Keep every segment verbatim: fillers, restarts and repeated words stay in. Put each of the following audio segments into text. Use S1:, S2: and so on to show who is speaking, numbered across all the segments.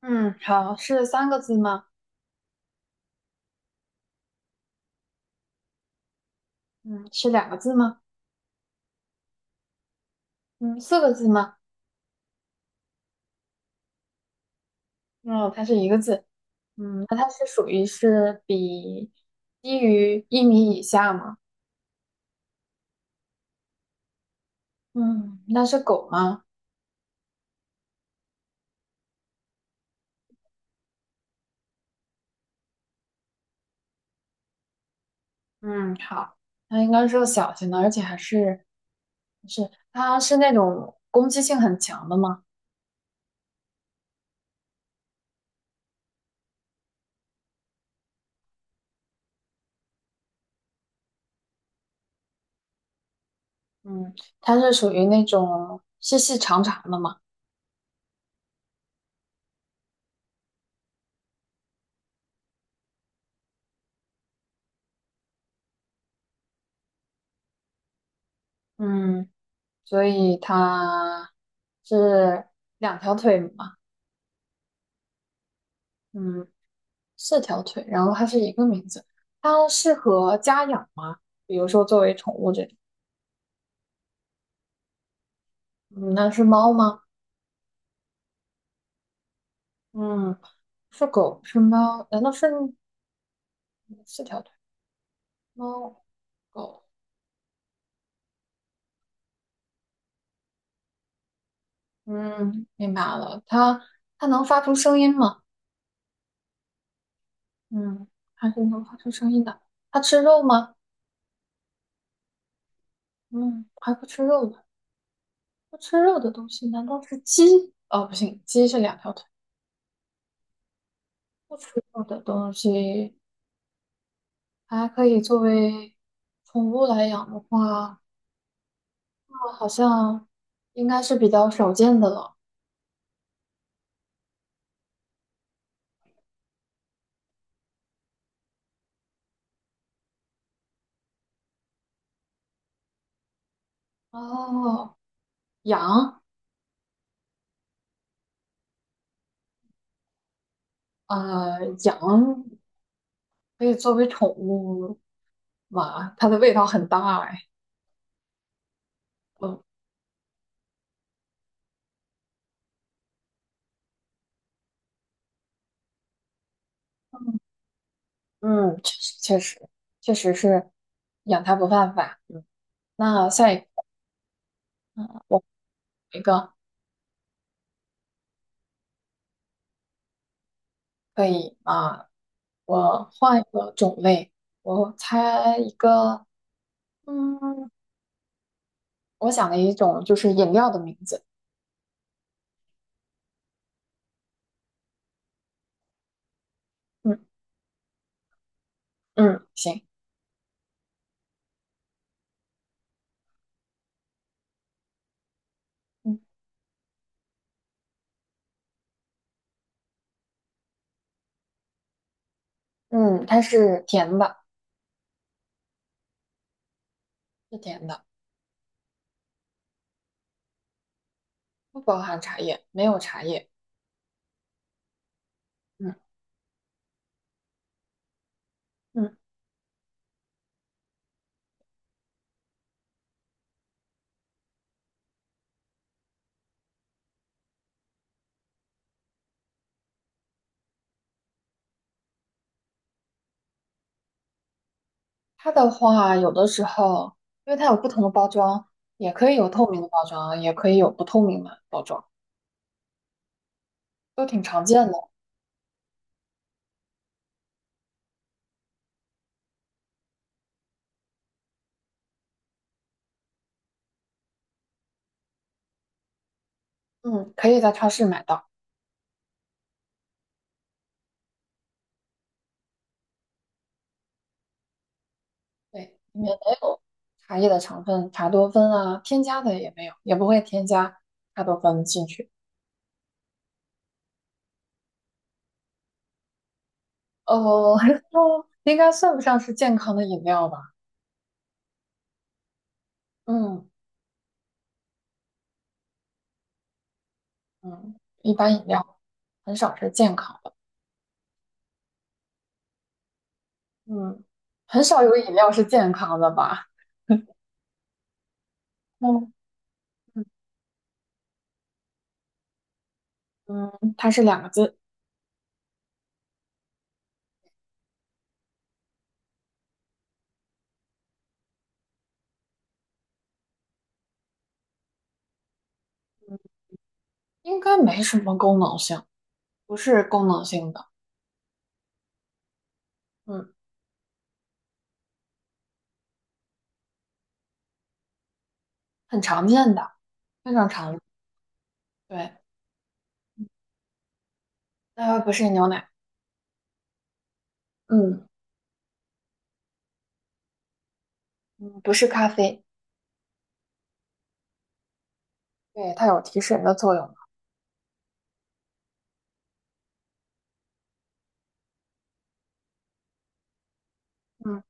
S1: 嗯，好，是三个字吗？嗯，是两个字吗？嗯，四个字吗？嗯，它是一个字。嗯，那它是属于是比低于一米以下吗？嗯，那是狗吗？嗯，好，它应该是个小型的，而且还是是它是那种攻击性很强的吗？嗯，它是属于那种细细长长的嘛。嗯，所以它是两条腿嘛。嗯。四条腿，然后它是一个名字。它适合家养吗？比如说作为宠物这种。嗯，那是猫吗？嗯，是狗，是猫？难道是四条腿？猫、狗。嗯，明白了。它它能发出声音吗？嗯，还是能发出声音的。它吃肉吗？嗯，还不吃肉的。不吃肉的东西难道是鸡？哦，不行，鸡是两条腿。不吃肉的东西还可以作为宠物来养的话。好像应该是比较少见的了。哦，羊，啊，羊可以作为宠物嘛？它的味道很大哎。嗯嗯，确实确实确实是养它不犯法。嗯，那下一个，嗯，我一个可以啊，我换一个种类，我猜一个，嗯，我想了一种就是饮料的名字。嗯嗯，行，嗯嗯，它是甜的，是甜的。不包含茶叶，没有茶叶。嗯嗯，它的话，有的时候，因为它有不同的包装，也可以有透明的包装，也可以有不透明的包装，都挺常见的。嗯，可以在超市买到。对，里面没有茶叶的成分，茶多酚啊，添加的也没有，也不会添加茶多酚进去。哦，应该算不上是健康的饮料吧？嗯嗯，一般饮料很少是健康的。嗯，很少有饮料是健康的吧？嗯。嗯，它是两个字，应该没什么功能性，不是功能性的，嗯，很常见的，非常常见。对，呃，不是牛奶，嗯嗯，不是咖啡，对，它有提神的作用嘛。嗯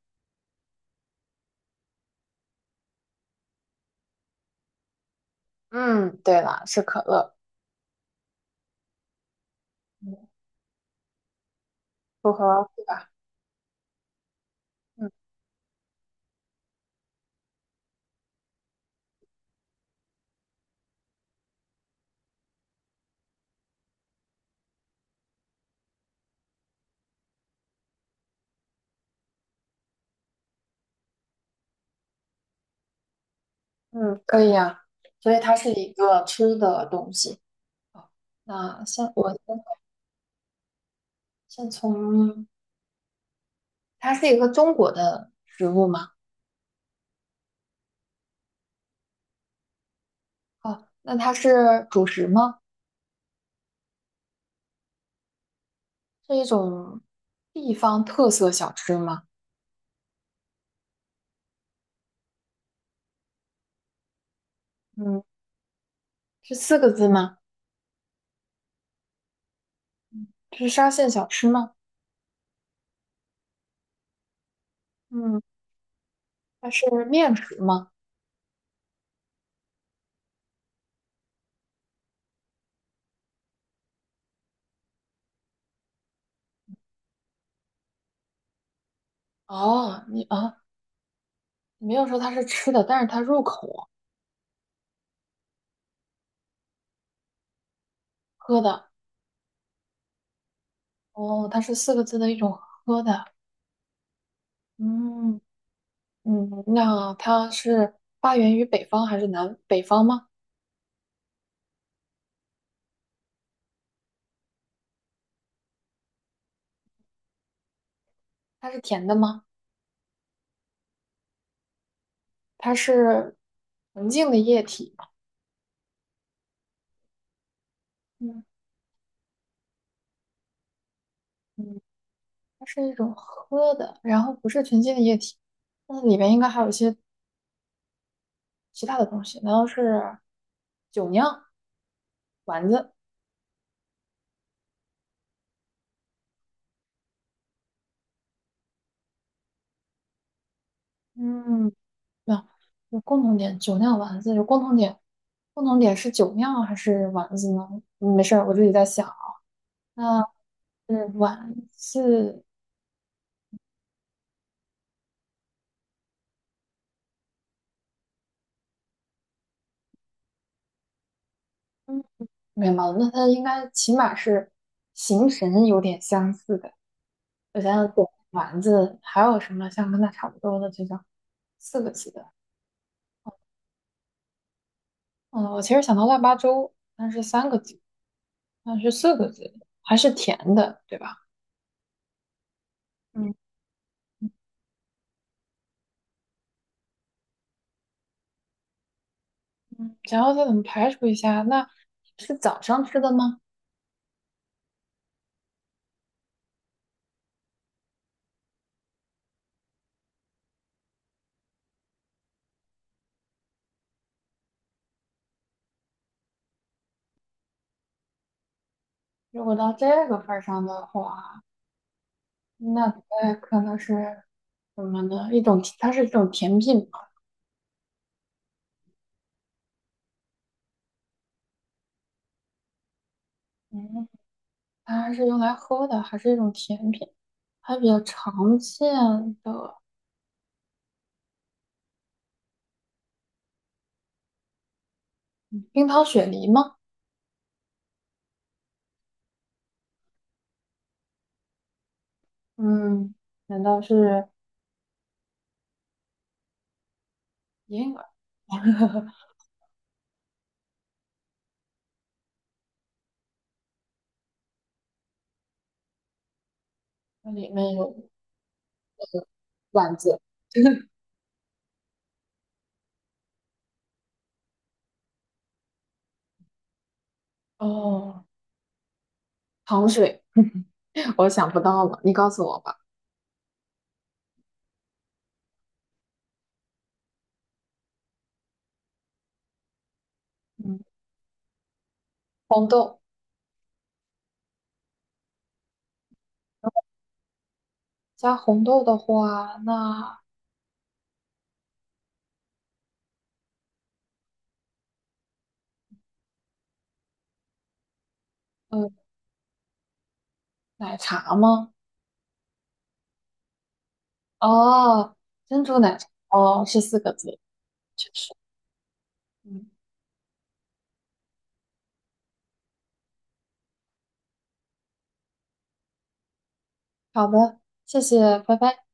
S1: 嗯，对了，是可乐，嗯，符合对吧？嗯嗯，可以呀、所以它是一个吃的东西。好，那先我先先从，它是一个中国的食物吗？哦，那它是主食吗？是一种地方特色小吃吗？嗯，是四个字吗？是沙县小吃吗？嗯，它是面食吗？哦，你啊，你没有说它是吃的，但是它入口喝的。哦，它是四个字的一种喝的。嗯嗯，那它是发源于北方还是南北方吗？它是甜的吗？它是纯净的液体吗？嗯嗯，它是一种喝的，然后不是纯净的液体。那里面应该还有一些其他的东西难道是酒酿、丸子？嗯，那有，有共同点，酒酿丸子有共同点，共同点是酒酿还是丸子呢？嗯没事儿，我自己在想。那是丸子，嗯，没毛病。那它应该起码是形神有点相似的。我想想，对丸子还有什么像跟它差不多的这种四个字的？嗯，我其实想到腊八粥，但是三个字。那是四个字，还是甜的，对吧？嗯嗯，然后再怎么排除一下？那是早上吃的吗？如果到这个份儿上的话，那它可能是什么呢？一种，它是一种甜品嘛。嗯，它是用来喝的，还是一种甜品？还比较常见的冰糖雪梨吗？嗯，难道是银耳？它里面有丸子哦，糖水，我想不到了，你告诉我吧。嗯，红豆加红豆的话，那呃，奶茶吗？哦，珍珠奶茶，哦，是四个字，确实。嗯，好的，谢谢，拜拜。